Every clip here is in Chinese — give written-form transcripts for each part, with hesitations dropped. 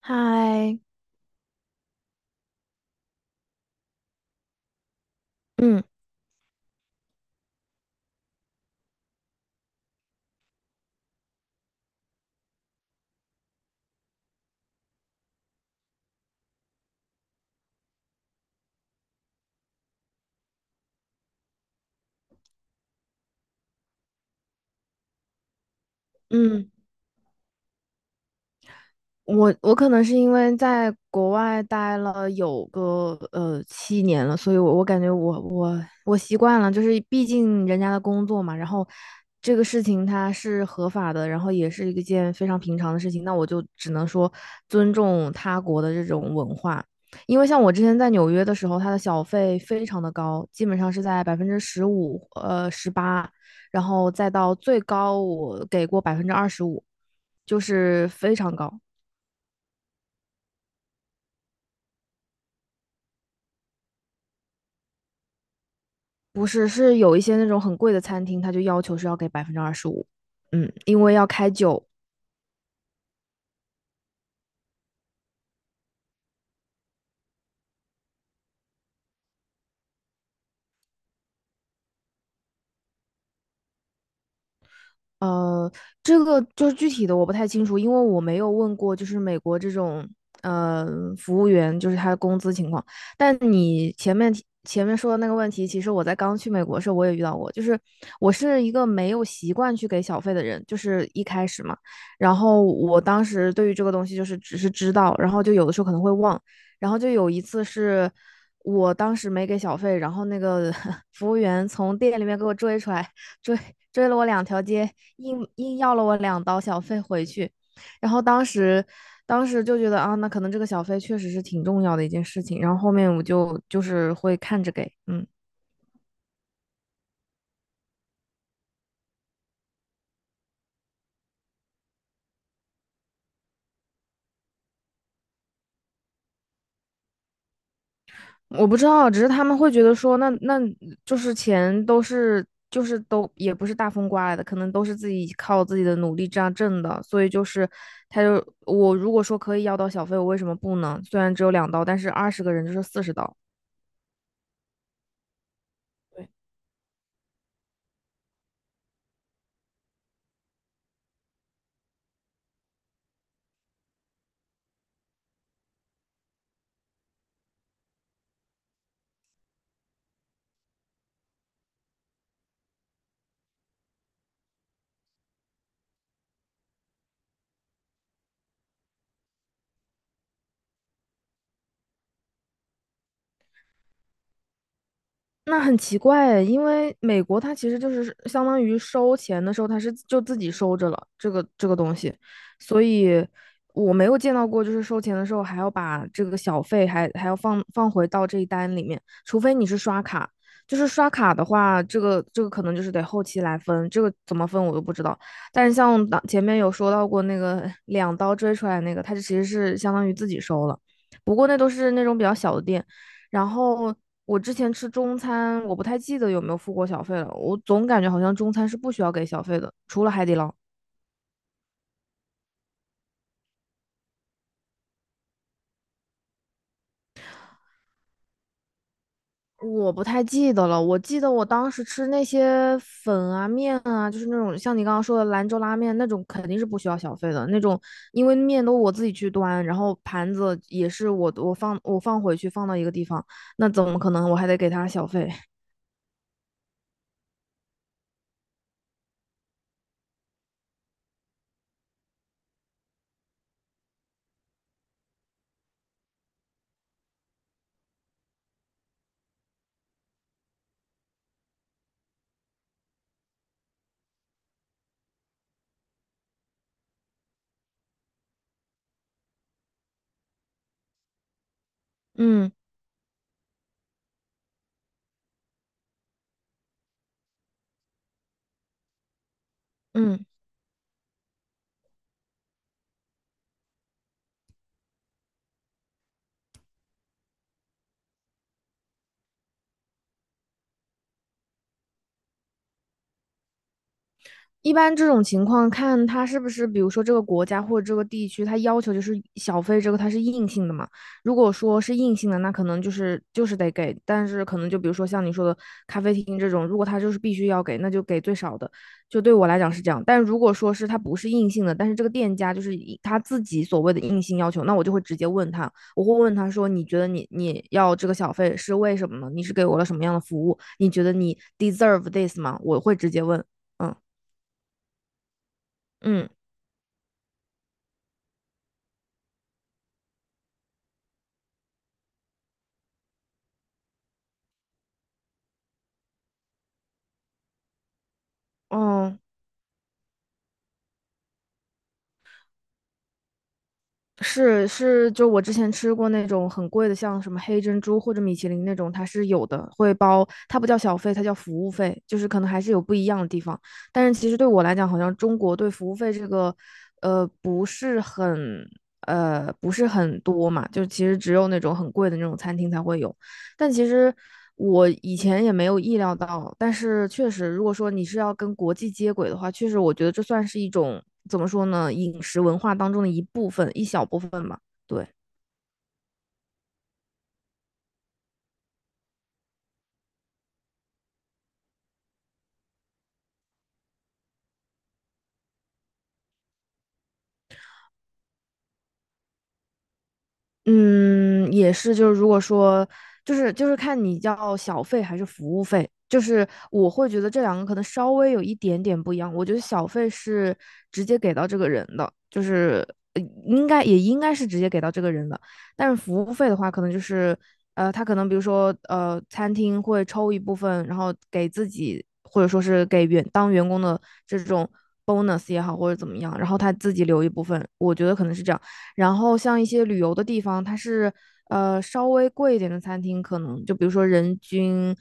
嗨，嗯嗯，我可能是因为在国外待了有个7年了，所以我感觉我习惯了，就是毕竟人家的工作嘛，然后这个事情它是合法的，然后也是一件非常平常的事情，那我就只能说尊重他国的这种文化，因为像我之前在纽约的时候，它的小费非常的高，基本上是在15%18%，然后再到最高我给过百分之二十五，就是非常高。不是，是有一些那种很贵的餐厅，他就要求是要给百分之二十五，嗯，因为要开酒。呃，这个就是具体的我不太清楚，因为我没有问过，就是美国这种呃服务员，就是他的工资情况。但你前面说的那个问题，其实我在刚去美国的时候我也遇到过，就是我是一个没有习惯去给小费的人，就是一开始嘛。然后我当时对于这个东西就是只是知道，然后就有的时候可能会忘，然后就有一次是。我当时没给小费，然后那个 服务员从店里面给我追出来，追追了我2条街，硬要了我两刀小费回去，然后当时就觉得啊，那可能这个小费确实是挺重要的一件事情，然后后面我就是会看着给，嗯。我不知道，只是他们会觉得说，那就是钱都是就是都也不是大风刮来的，可能都是自己靠自己的努力这样挣的，所以就是我如果说可以要到小费，我为什么不呢？虽然只有两刀，但是20个人就是40刀。对，那很奇怪诶，因为美国它其实就是相当于收钱的时候，它是就自己收着了这个东西，所以我没有见到过就是收钱的时候还要把这个小费还要放回到这一单里面，除非你是刷卡，就是刷卡的话，这个可能就是得后期来分，这个怎么分我都不知道。但是前面有说到过那个两刀追出来那个，它其实是相当于自己收了，不过那都是那种比较小的店。然后我之前吃中餐，我不太记得有没有付过小费了。我总感觉好像中餐是不需要给小费的，除了海底捞。我不太记得了。我记得我当时吃那些粉啊、面啊，就是那种像你刚刚说的兰州拉面那种，肯定是不需要小费的那种，因为面都我自己去端，然后盘子也是我放回去放到一个地方，那怎么可能我还得给他小费？嗯嗯。一般这种情况，看它是不是，比如说这个国家或者这个地区，它要求就是小费这个它是硬性的嘛。如果说是硬性的，那可能就是得给，但是可能就比如说像你说的咖啡厅这种，如果它就是必须要给，那就给最少的。就对我来讲是这样，但如果说是它不是硬性的，但是这个店家就是以他自己所谓的硬性要求，那我就会直接问他，我会问他说，你觉得你要这个小费是为什么呢？你是给我了什么样的服务？你觉得你 deserve this 吗？我会直接问，嗯嗯。嗯，是是，就我之前吃过那种很贵的，像什么黑珍珠或者米其林那种，它是有的，会包，它不叫小费，它叫服务费，就是可能还是有不一样的地方。但是其实对我来讲，好像中国对服务费这个，呃，不是很，不是很多嘛，就其实只有那种很贵的那种餐厅才会有。但其实我以前也没有意料到，但是确实，如果说你是要跟国际接轨的话，确实我觉得这算是一种怎么说呢，饮食文化当中的一部分，一小部分吧。对，嗯，也是，就是如果说，就是看你叫小费还是服务费，就是我会觉得这两个可能稍微有一点点不一样。我觉得小费是直接给到这个人的，就是应该也应该是直接给到这个人的，但是服务费的话，可能就是他可能比如说餐厅会抽一部分，然后给自己或者说是给员工的这种 bonus 也好，或者怎么样，然后他自己留一部分，我觉得可能是这样。然后像一些旅游的地方，它是稍微贵一点的餐厅，可能就比如说人均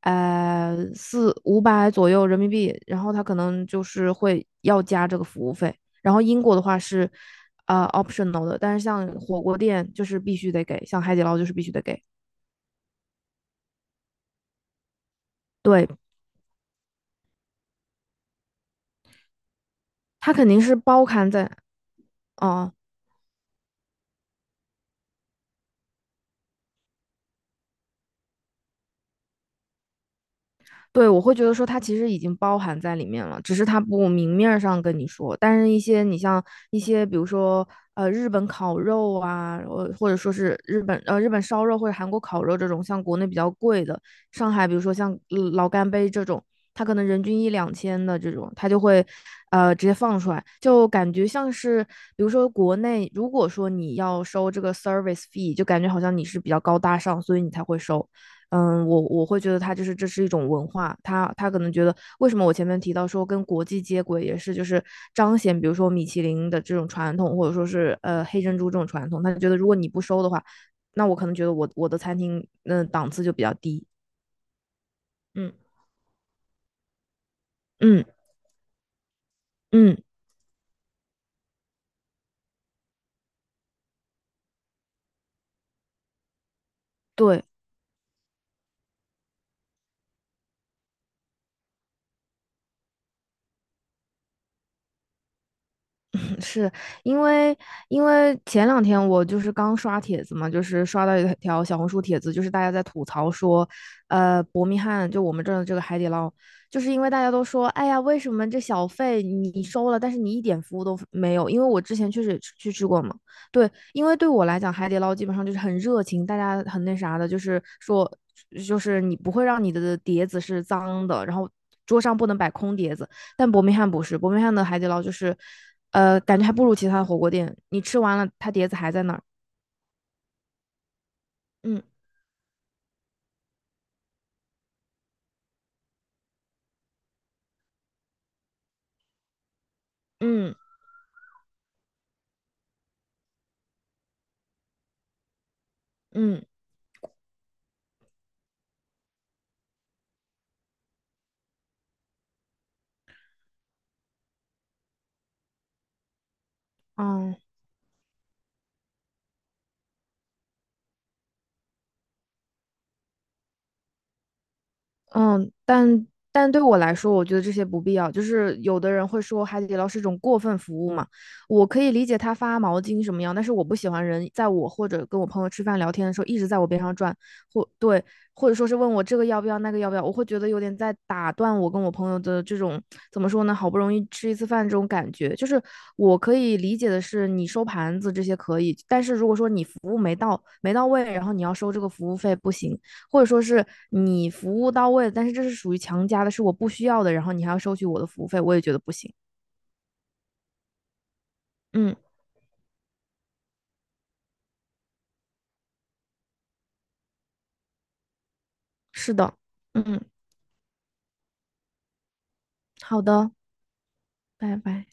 4、500左右人民币，然后它可能就是会要加这个服务费。然后英国的话是optional 的，但是像火锅店就是必须得给，像海底捞就是必须得给。对，它肯定是包含在，哦、对，我会觉得说它其实已经包含在里面了，只是它不明面儿上跟你说。但是，一些，比如说日本烤肉啊，呃或者说是日本烧肉或者韩国烤肉这种，像国内比较贵的，上海比如说像老干杯这种，它可能人均1、2000的这种，它就会直接放出来，就感觉像是比如说国内，如果说你要收这个 service fee,就感觉好像你是比较高大上，所以你才会收。嗯，我会觉得它就是这是一种文化，它可能觉得为什么我前面提到说跟国际接轨也是就是彰显，比如说米其林的这种传统，或者说是黑珍珠这种传统，他就觉得如果你不收的话，那我可能觉得我的餐厅嗯、档次就比较低，嗯嗯嗯，对。是因为前两天我就是刚刷帖子嘛，就是刷到一条小红书帖子，就是大家在吐槽说，呃，伯明翰就我们这儿的这个海底捞，就是因为大家都说，哎呀，为什么这小费你收了，但是你一点服务都没有？因为我之前确实也去吃过嘛，对，因为对我来讲，海底捞基本上就是很热情，大家很那啥的，就是说，就是你不会让你的碟子是脏的，然后桌上不能摆空碟子。但伯明翰不是，伯明翰的海底捞就是，呃，感觉还不如其他的火锅店。你吃完了，它碟子还在那儿。嗯嗯嗯，哦、嗯，但对我来说，我觉得这些不必要。就是有的人会说海底捞是一种过分服务嘛，我可以理解他发毛巾什么样，但是我不喜欢人在我或者跟我朋友吃饭聊天的时候一直在我边上转，或对，或者说是问我这个要不要那个要不要，我会觉得有点在打断我跟我朋友的这种怎么说呢，好不容易吃一次饭这种感觉。就是我可以理解的是你收盘子这些可以，但是如果说你服务没到位，然后你要收这个服务费不行。或者说是你服务到位，但是这是属于强加的，是我不需要的，然后你还要收取我的服务费，我也觉得不行。嗯，是的，嗯，好的，拜拜。